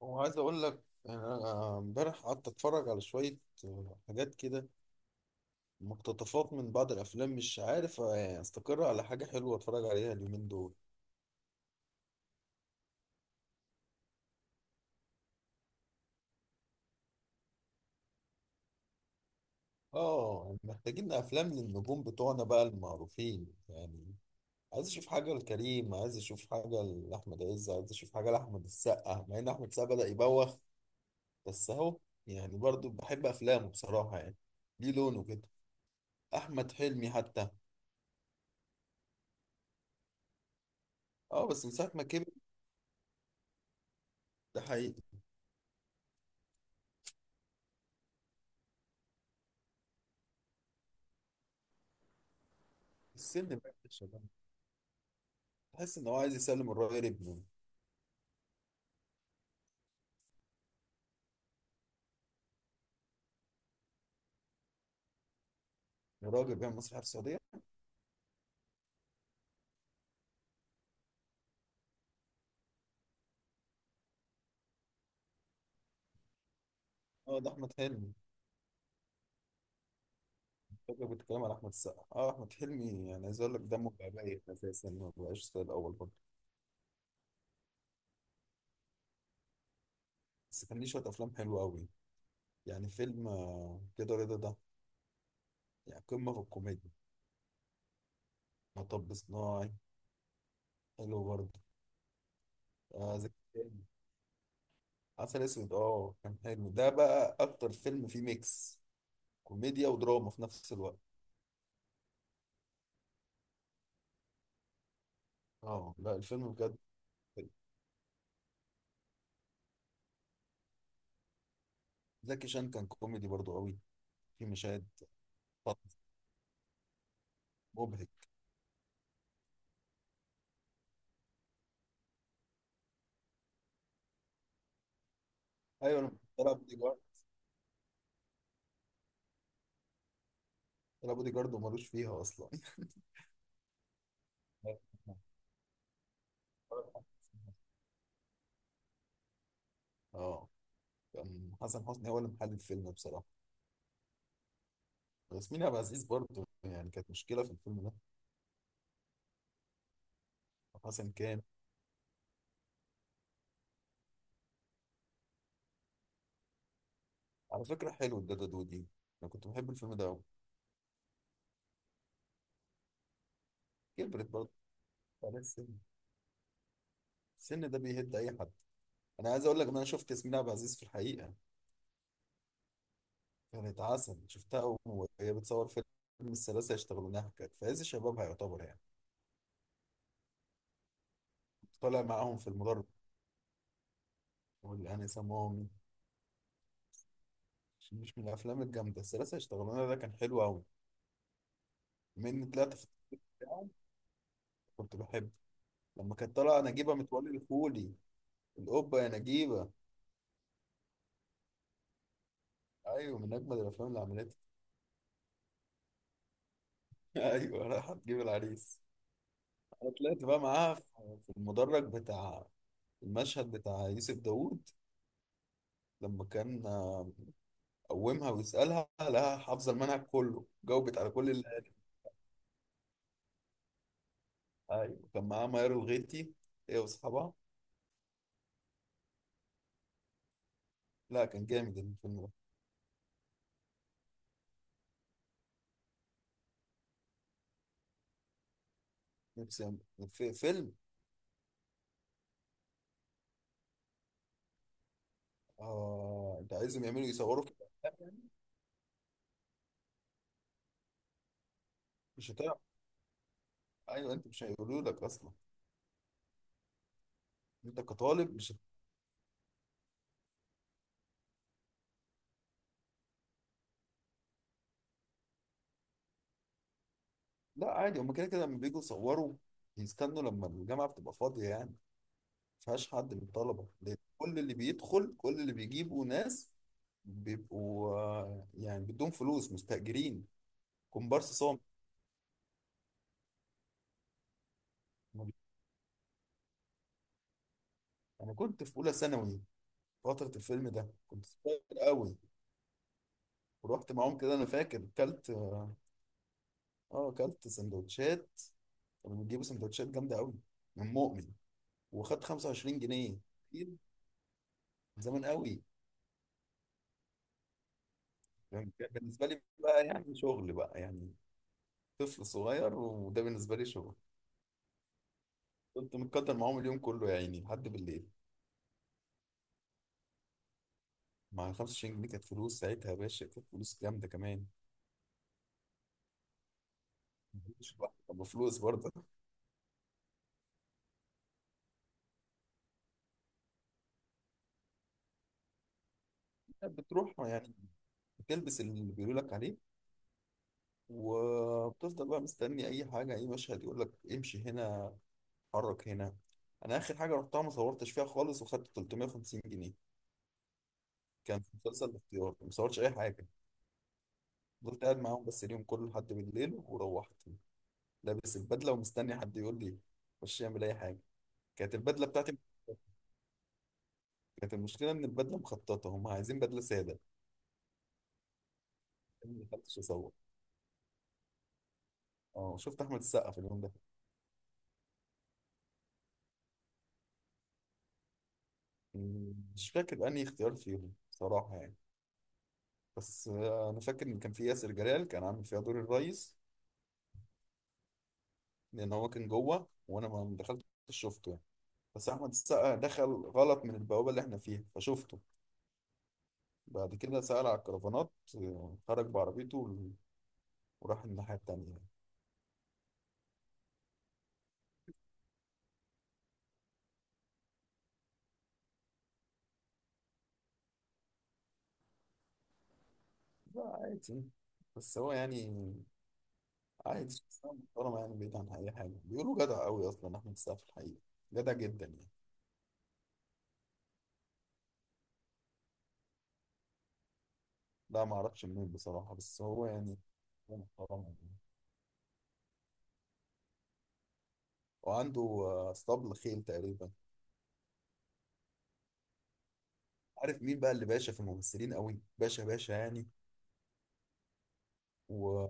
وعايز اقول لك يعني انا امبارح قعدت اتفرج على شويه حاجات كده، مقتطفات من بعض الافلام. مش عارف يعني استقر على حاجه حلوه اتفرج عليها اليومين دول. اه محتاجين افلام للنجوم بتوعنا بقى المعروفين يعني. عايز اشوف حاجه لكريم، عايز اشوف حاجه لاحمد عز، عايز اشوف حاجه لاحمد السقا، مع ان احمد السقا بدا يبوخ بس اهو. يعني برضو بحب افلامه بصراحه يعني. ليه لونه كده؟ احمد حلمي حتى، اه بس من ساعه ما كبر. ده حقيقي. السن بقى يا شباب. تحس ان هو عايز يسلم الراجل ابنه. الراجل بيعمل مسرح في السعوديه. اه، ده احمد حلمي. فاكر كنت بتكلم على احمد السقا، اه احمد حلمي يعني عايز اقول لك دمه بقى بايت اساسا، ما بقاش زي الاول برضه. بس كان ليه شويه افلام حلوه قوي. يعني فيلم كده رضا ده، يعني قمه في الكوميديا. مطب صناعي، حلو برضه. زكي شان. عسل اسود، اه كان حلو، ده بقى اكتر فيلم فيه ميكس كوميديا ودراما في نفس الوقت. اه لا، الفيلم بجد حلو. زكي شان كان كوميدي برضه قوي في مشاهد مبهج. ايوه لما طلع بودي جارد، طلع بودي جارد ومالوش فيها اصلا. اه، كان حسن حسني هو اللي محل الفيلم بصراحه. ياسمين عبد العزيز برضه يعني كانت مشكله في الفيلم ده. حسن كان على فكره حلو الدادا دودي. انا كنت بحب الفيلم ده قوي. كبرت برضه، على السن. السن ده بيهد اي حد. انا عايز اقول لك ان انا شفت ياسمين عبد العزيز في الحقيقه، كانت عسل. شفتها وهي بتصور فيلم الثلاثه يشتغلونها، كانت في عز شبابها يعتبر يعني. طالع معاهم في المدرب واللي انا سموهم. مش من الافلام الجامده؟ الثلاثه اشتغلنا ده كان حلو قوي. من طلعت في التلفزيون بتاعه، كنت بحبه. لما كانت طالعه نجيبه متولي الخولي، الاوبا يا نجيبه. ايوه من اجمد الافلام اللي عملتها. ايوه، راح تجيب العريس. انا طلعت بقى معاها في المدرج بتاع المشهد بتاع يوسف داوود، لما كان قومها ويسالها لها حافظه المنهج كله، جاوبت على كل اللي قاله. ايوه كان معاها ميار الغيتي، هي واصحابها. لا، كان جامد الفيلم ده. نفسي في فيلم. اه، انت عايزهم يعملوا يصوروا في الافلام يعني؟ مش هتعرف. ايوه، انت مش هيقولوا لك اصلا. انت كطالب مش لا عادي، هم كده كده لما بييجوا يصوروا بيستنوا لما الجامعه بتبقى فاضيه، يعني ما فيهاش حد من الطلبه، لأن كل اللي بيدخل كل اللي بيجيبوا ناس بيبقوا يعني بدون فلوس، مستأجرين. كومبارس صامت. انا كنت في اولى ثانوي. فتره الفيلم ده كنت صغير قوي. ورحت معاهم كده، انا فاكر كلت اه آه، كلت سندوتشات. كانوا بيجيبوا سندوتشات جامده قوي من مؤمن، وخد 25 جنيه. كتير، زمان قوي. يعني كان بالنسبه لي بقى يعني شغل بقى يعني. طفل صغير وده بالنسبه لي شغل. كنت متكتر معاهم اليوم كله يا عيني لحد بالليل. مع 25 جنيه كانت فلوس ساعتها يا باشا، كانت فلوس جامده كمان. ما كنتش لوحدي، طب فلوس برضه. كانت بتروح يعني، بتلبس اللي بيقولوا لك عليه وبتفضل بقى مستني اي حاجه، اي مشهد يقول لك امشي هنا، اتحرك هنا. انا اخر حاجه رحتها ما صورتش فيها خالص، وخدت 350 جنيه. كان في مسلسل الاختيار، ما صورتش اي حاجه. فضلت قاعد معاهم بس اليوم كله لحد بالليل وروحت. لابس البدله ومستني حد يقول لي خش اعمل اي حاجه. كانت البدله بتاعتي، كانت المشكله ان البدله مخططه، هم عايزين بدله ساده. أنا ما دخلتش اصور. اه، شفت احمد السقا في اليوم ده. مم، مش فاكر انهي اختيار فيهم صراحه يعني. بس انا فاكر ان كان في ياسر جلال، كان عامل فيها دور الريس. لان هو كان جوه وانا ما دخلتش شفته يعني. بس احمد السقا دخل غلط من البوابه اللي احنا فيها، فشفته. بعد كده سأل على الكرفانات، خرج بعربيته وراح الناحيه التانيه. لا عادي، بس هو يعني عادي، شخصيه محترمه يعني. بعيد عن اي حاجه بيقولوا جدع قوي اصلا احمد السقا في الحقيقه، جدع جدا يعني. لا، ما اعرفش منين بصراحه، بس هو يعني هو محترم يعني. وعنده اسطبل خيل تقريبا. عارف مين بقى اللي باشا في الممثلين قوي، باشا باشا يعني؟ ولا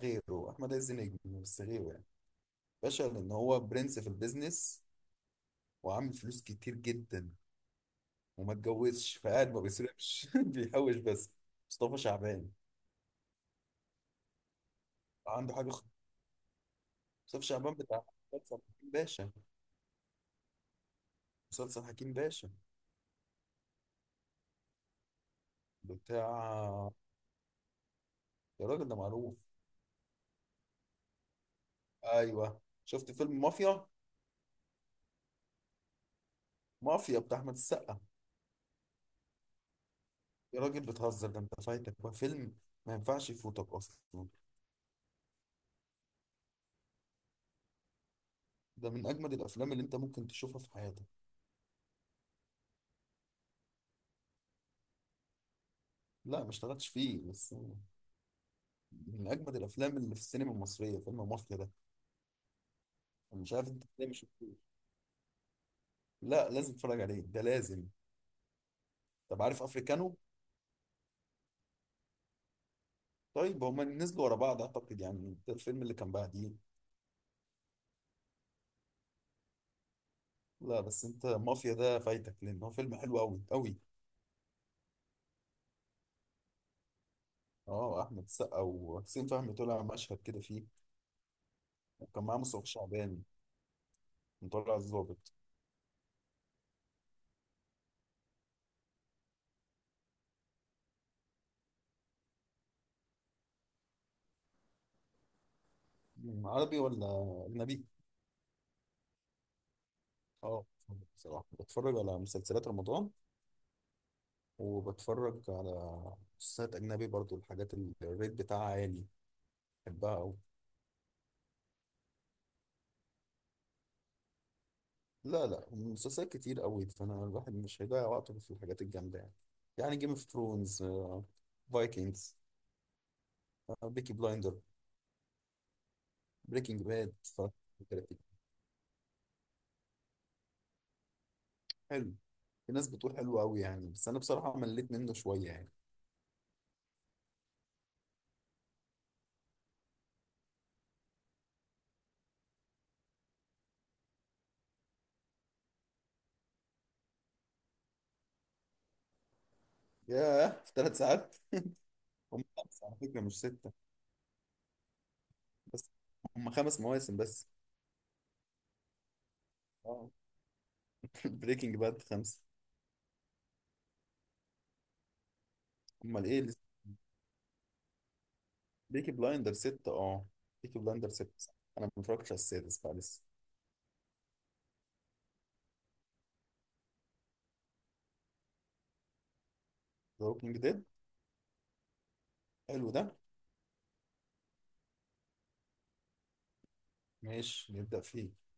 غيره؟ احمد عز نجم بس غيره يعني. باشا، لان هو برنس في البيزنس، وعامل فلوس كتير جدا، وما اتجوزش فقاعد ما بيصرفش بيحوش بس. مصطفى شعبان. عنده حاجه مصطفى شعبان بتاع مسلسل حكيم باشا. مسلسل حكيم باشا بتاع، يا راجل ده معروف. ايوه، شفت فيلم مافيا؟ مافيا بتاع احمد السقا. يا راجل بتهزر، ده انت فايتك بقى فيلم ما ينفعش يفوتك اصلا. ده من اجمد الافلام اللي انت ممكن تشوفها في حياتك. لا ما اشتغلتش فيه، بس من اجمد الافلام اللي في السينما المصريه فيلم مافيا ده. انا مش عارف انت ازاي مش شفتوش. لا، لازم تتفرج عليه ده، لازم. طب عارف افريكانو؟ طيب هما نزلوا ورا بعض اعتقد يعني، ده الفيلم اللي كان بعديه. لا بس انت مافيا ده فايتك، لان هو فيلم حلو قوي قوي. اه احمد السقا وحسين فهمي، طلع مشهد كده فيه. وكان معاه مصطفى شعبان مطلع الظابط. مم، عربي ولا اجنبي؟ اه، بصراحه بتفرج على مسلسلات رمضان، وبتفرج على مسلسلات أجنبي برضو، الحاجات اللي الريت بتاعها عالي بحبها أوي. لا لا، مسلسلات كتير أوي، فأنا الواحد مش هيضيع وقته في الحاجات الجامدة يعني. يعني جيم اوف ثرونز، فايكنجز، بيكي بلايندر، بريكنج باد. حلو. في ناس بتقول حلو أوي يعني، بس أنا بصراحة مليت منه شوية يعني. ياه، في 3 ساعات؟ هم 5 على فكرة، مش 6. بس هم 5 مواسم بس. اه. بريكنج باد 5. امال ايه. بيكي بلايندر 6، اه. بيكي بلايندر ست، انا ما اتفرجتش على 6 بقى لسه. ذا ووكينج ديد، حلو ده. ماشي، نبدأ فيه.